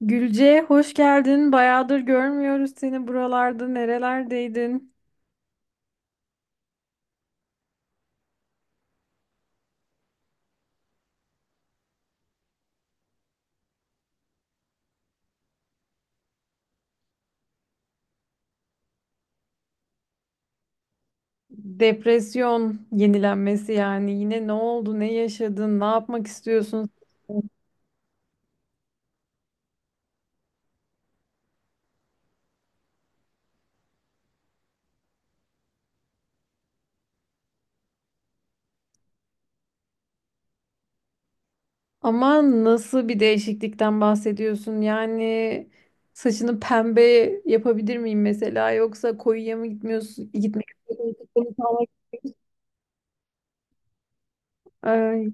Gülce hoş geldin. Bayağıdır görmüyoruz seni buralarda. Nerelerdeydin? Depresyon yenilenmesi yani. Yine ne oldu? Ne yaşadın? Ne yapmak istiyorsun? Ama nasıl bir değişiklikten bahsediyorsun? Yani saçını pembe yapabilir miyim mesela? Yoksa koyuya mı gitmiyorsun? Gitmek Ay,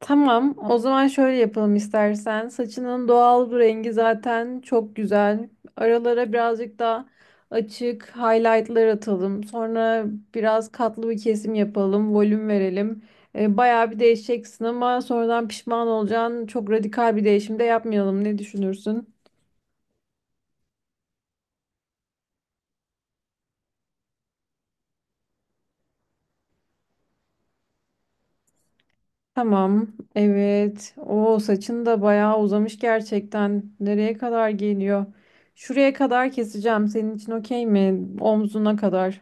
tamam, o zaman şöyle yapalım istersen. Saçının doğal bu rengi zaten çok güzel. Aralara birazcık daha açık highlightlar atalım. Sonra biraz katlı bir kesim yapalım, volüm verelim. Bayağı bir değişeceksin ama sonradan pişman olacaksın. Çok radikal bir değişim de yapmayalım. Ne düşünürsün? Tamam, evet. O saçın da bayağı uzamış gerçekten. Nereye kadar geliyor? Şuraya kadar keseceğim. Senin için okey mi? Omzuna kadar.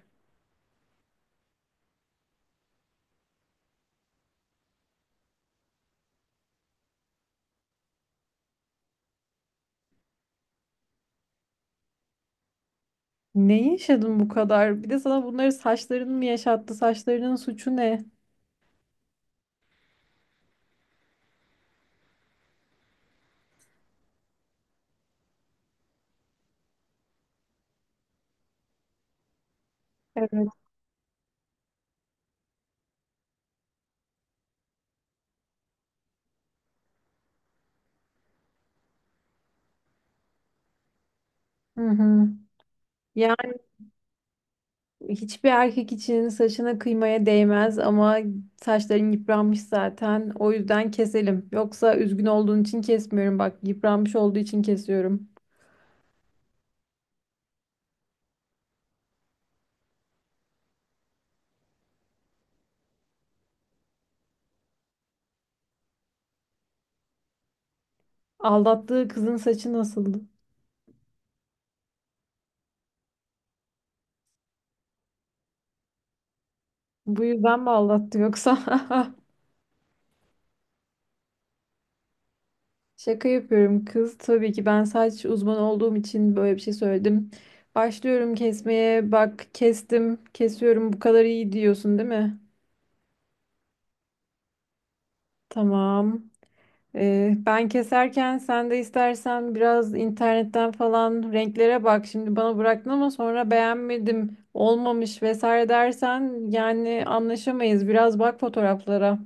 Ne yaşadın bu kadar? Bir de sana bunları saçların mı yaşattı? Saçlarının suçu ne? Evet. Hı hı. Yani hiçbir erkek için saçına kıymaya değmez ama saçların yıpranmış zaten. O yüzden keselim. Yoksa üzgün olduğun için kesmiyorum. Bak yıpranmış olduğu için kesiyorum. Aldattığı kızın saçı nasıldı? Bu yüzden mi aldattı yoksa? Şaka yapıyorum kız. Tabii ki ben saç uzmanı olduğum için böyle bir şey söyledim. Başlıyorum kesmeye. Bak kestim, kesiyorum. Bu kadar iyi diyorsun, değil mi? Tamam. Ben keserken sen de istersen biraz internetten falan renklere bak. Şimdi bana bıraktın ama sonra beğenmedim, olmamış vesaire dersen yani anlaşamayız. Biraz bak fotoğraflara.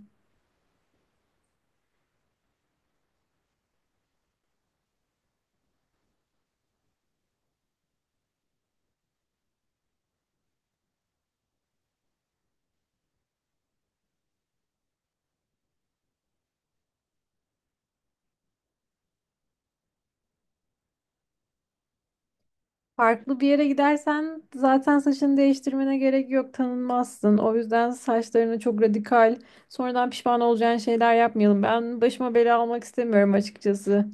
Farklı bir yere gidersen zaten saçını değiştirmene gerek yok, tanınmazsın. O yüzden saçlarını çok radikal, sonradan pişman olacağın şeyler yapmayalım. Ben başıma bela almak istemiyorum açıkçası.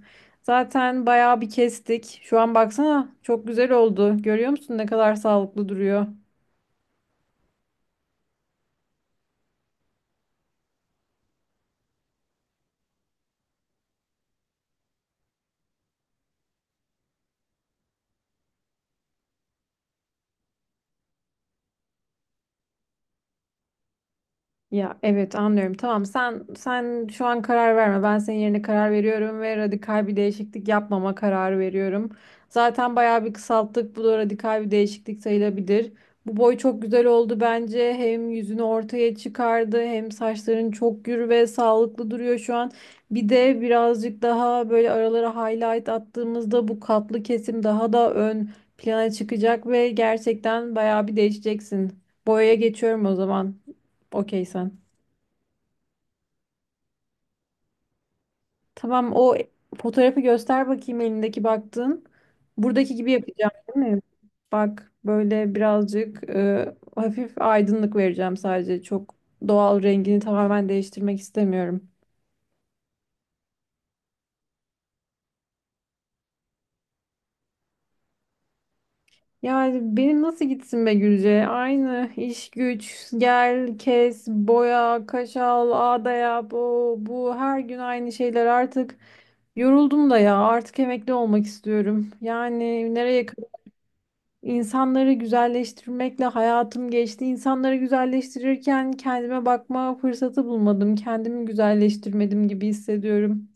Zaten bayağı bir kestik. Şu an baksana çok güzel oldu. Görüyor musun ne kadar sağlıklı duruyor? Ya evet anlıyorum. Tamam, sen şu an karar verme. Ben senin yerine karar veriyorum ve radikal bir değişiklik yapmama kararı veriyorum. Zaten bayağı bir kısalttık. Bu da radikal bir değişiklik sayılabilir. Bu boy çok güzel oldu bence. Hem yüzünü ortaya çıkardı, hem saçların çok gür ve sağlıklı duruyor şu an. Bir de birazcık daha böyle aralara highlight attığımızda bu katlı kesim daha da ön plana çıkacak ve gerçekten bayağı bir değişeceksin. Boyaya geçiyorum o zaman. Okey sen. Tamam, o fotoğrafı göster bakayım elindeki baktığın. Buradaki gibi yapacağım, değil mi? Bak böyle birazcık hafif aydınlık vereceğim sadece. Çok doğal rengini tamamen değiştirmek istemiyorum. Yani benim nasıl gitsin be Gülce? Aynı iş güç, gel, kes, boya, kaşal, ağda yap, o, bu, her gün aynı şeyler artık. Yoruldum da ya, artık emekli olmak istiyorum. Yani nereye İnsanları güzelleştirmekle hayatım geçti. İnsanları güzelleştirirken kendime bakma fırsatı bulmadım. Kendimi güzelleştirmedim gibi hissediyorum.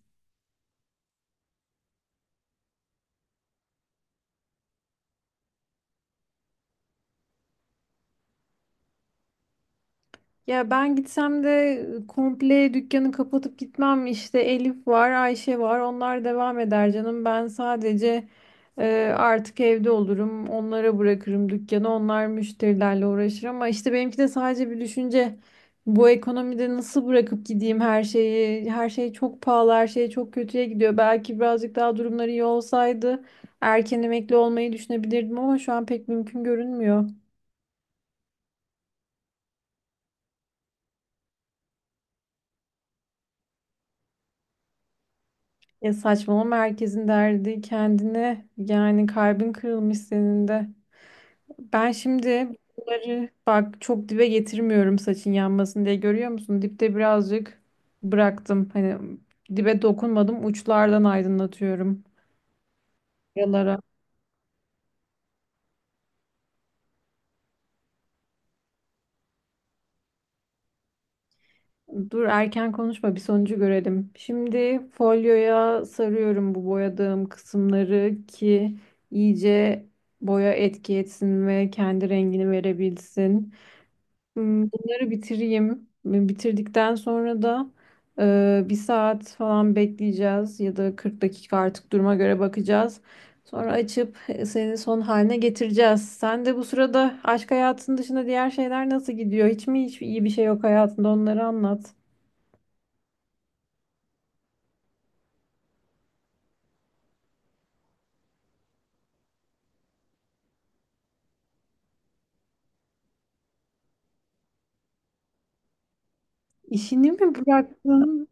Ya ben gitsem de komple dükkanı kapatıp gitmem. İşte Elif var, Ayşe var. Onlar devam eder canım. Ben sadece artık evde olurum. Onlara bırakırım dükkanı. Onlar müşterilerle uğraşır ama işte benimki de sadece bir düşünce. Bu ekonomide nasıl bırakıp gideyim her şeyi? Her şey çok pahalı, her şey çok kötüye gidiyor. Belki birazcık daha durumları iyi olsaydı erken emekli olmayı düşünebilirdim ama şu an pek mümkün görünmüyor. Ya saçmalama, herkesin derdi kendine. Yani kalbin kırılmış senin de. Ben şimdi bunları bak çok dibe getirmiyorum saçın yanmasın diye, görüyor musun? Dipte birazcık bıraktım. Hani dibe dokunmadım, uçlardan aydınlatıyorum. Yalara. Dur erken konuşma, bir sonucu görelim. Şimdi folyoya sarıyorum bu boyadığım kısımları ki iyice boya etki etsin ve kendi rengini verebilsin. Bunları bitireyim. Bitirdikten sonra da bir saat falan bekleyeceğiz ya da 40 dakika artık, duruma göre bakacağız. Sonra açıp senin son haline getireceğiz. Sen de bu sırada aşk hayatının dışında diğer şeyler nasıl gidiyor? Hiç mi hiç iyi bir şey yok hayatında? Onları anlat. İşini mi bıraktın?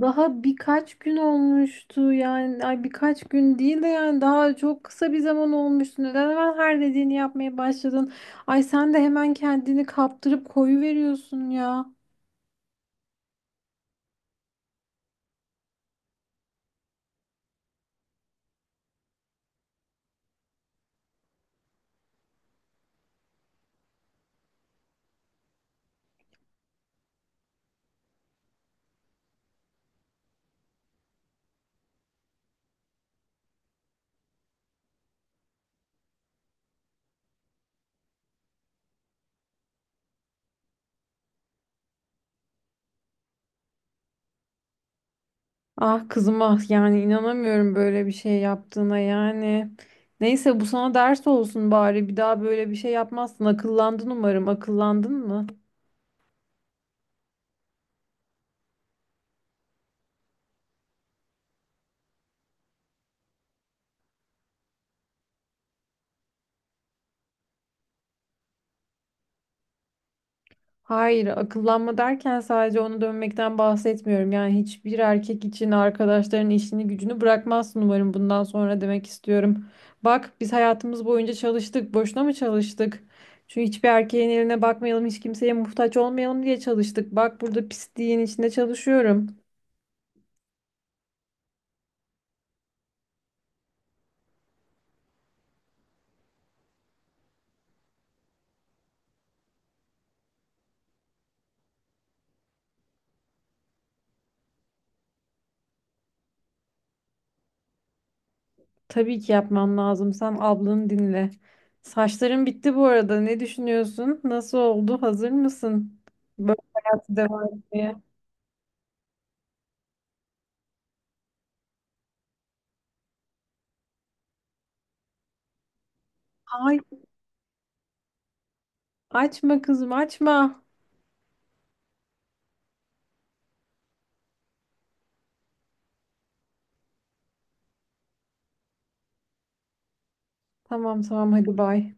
Daha birkaç gün olmuştu, yani ay birkaç gün değil de yani daha çok kısa bir zaman olmuştu. Neden hemen her dediğini yapmaya başladın? Ay sen de hemen kendini kaptırıp koyu veriyorsun ya. Ah kızım ah, yani inanamıyorum böyle bir şey yaptığına yani. Neyse, bu sana ders olsun bari, bir daha böyle bir şey yapmazsın. Akıllandın umarım. Akıllandın mı? Hayır, akıllanma derken sadece onu dönmekten bahsetmiyorum. Yani hiçbir erkek için arkadaşların işini gücünü bırakmazsın umarım bundan sonra, demek istiyorum. Bak biz hayatımız boyunca çalıştık. Boşuna mı çalıştık? Çünkü hiçbir erkeğin eline bakmayalım, hiç kimseye muhtaç olmayalım diye çalıştık. Bak burada pisliğin içinde çalışıyorum. Tabii ki yapmam lazım. Sen ablanı dinle. Saçların bitti bu arada. Ne düşünüyorsun? Nasıl oldu? Hazır mısın? Böyle hayatı devam etmeye. Hayır. Açma kızım açma. Tamam tamam, hadi bay.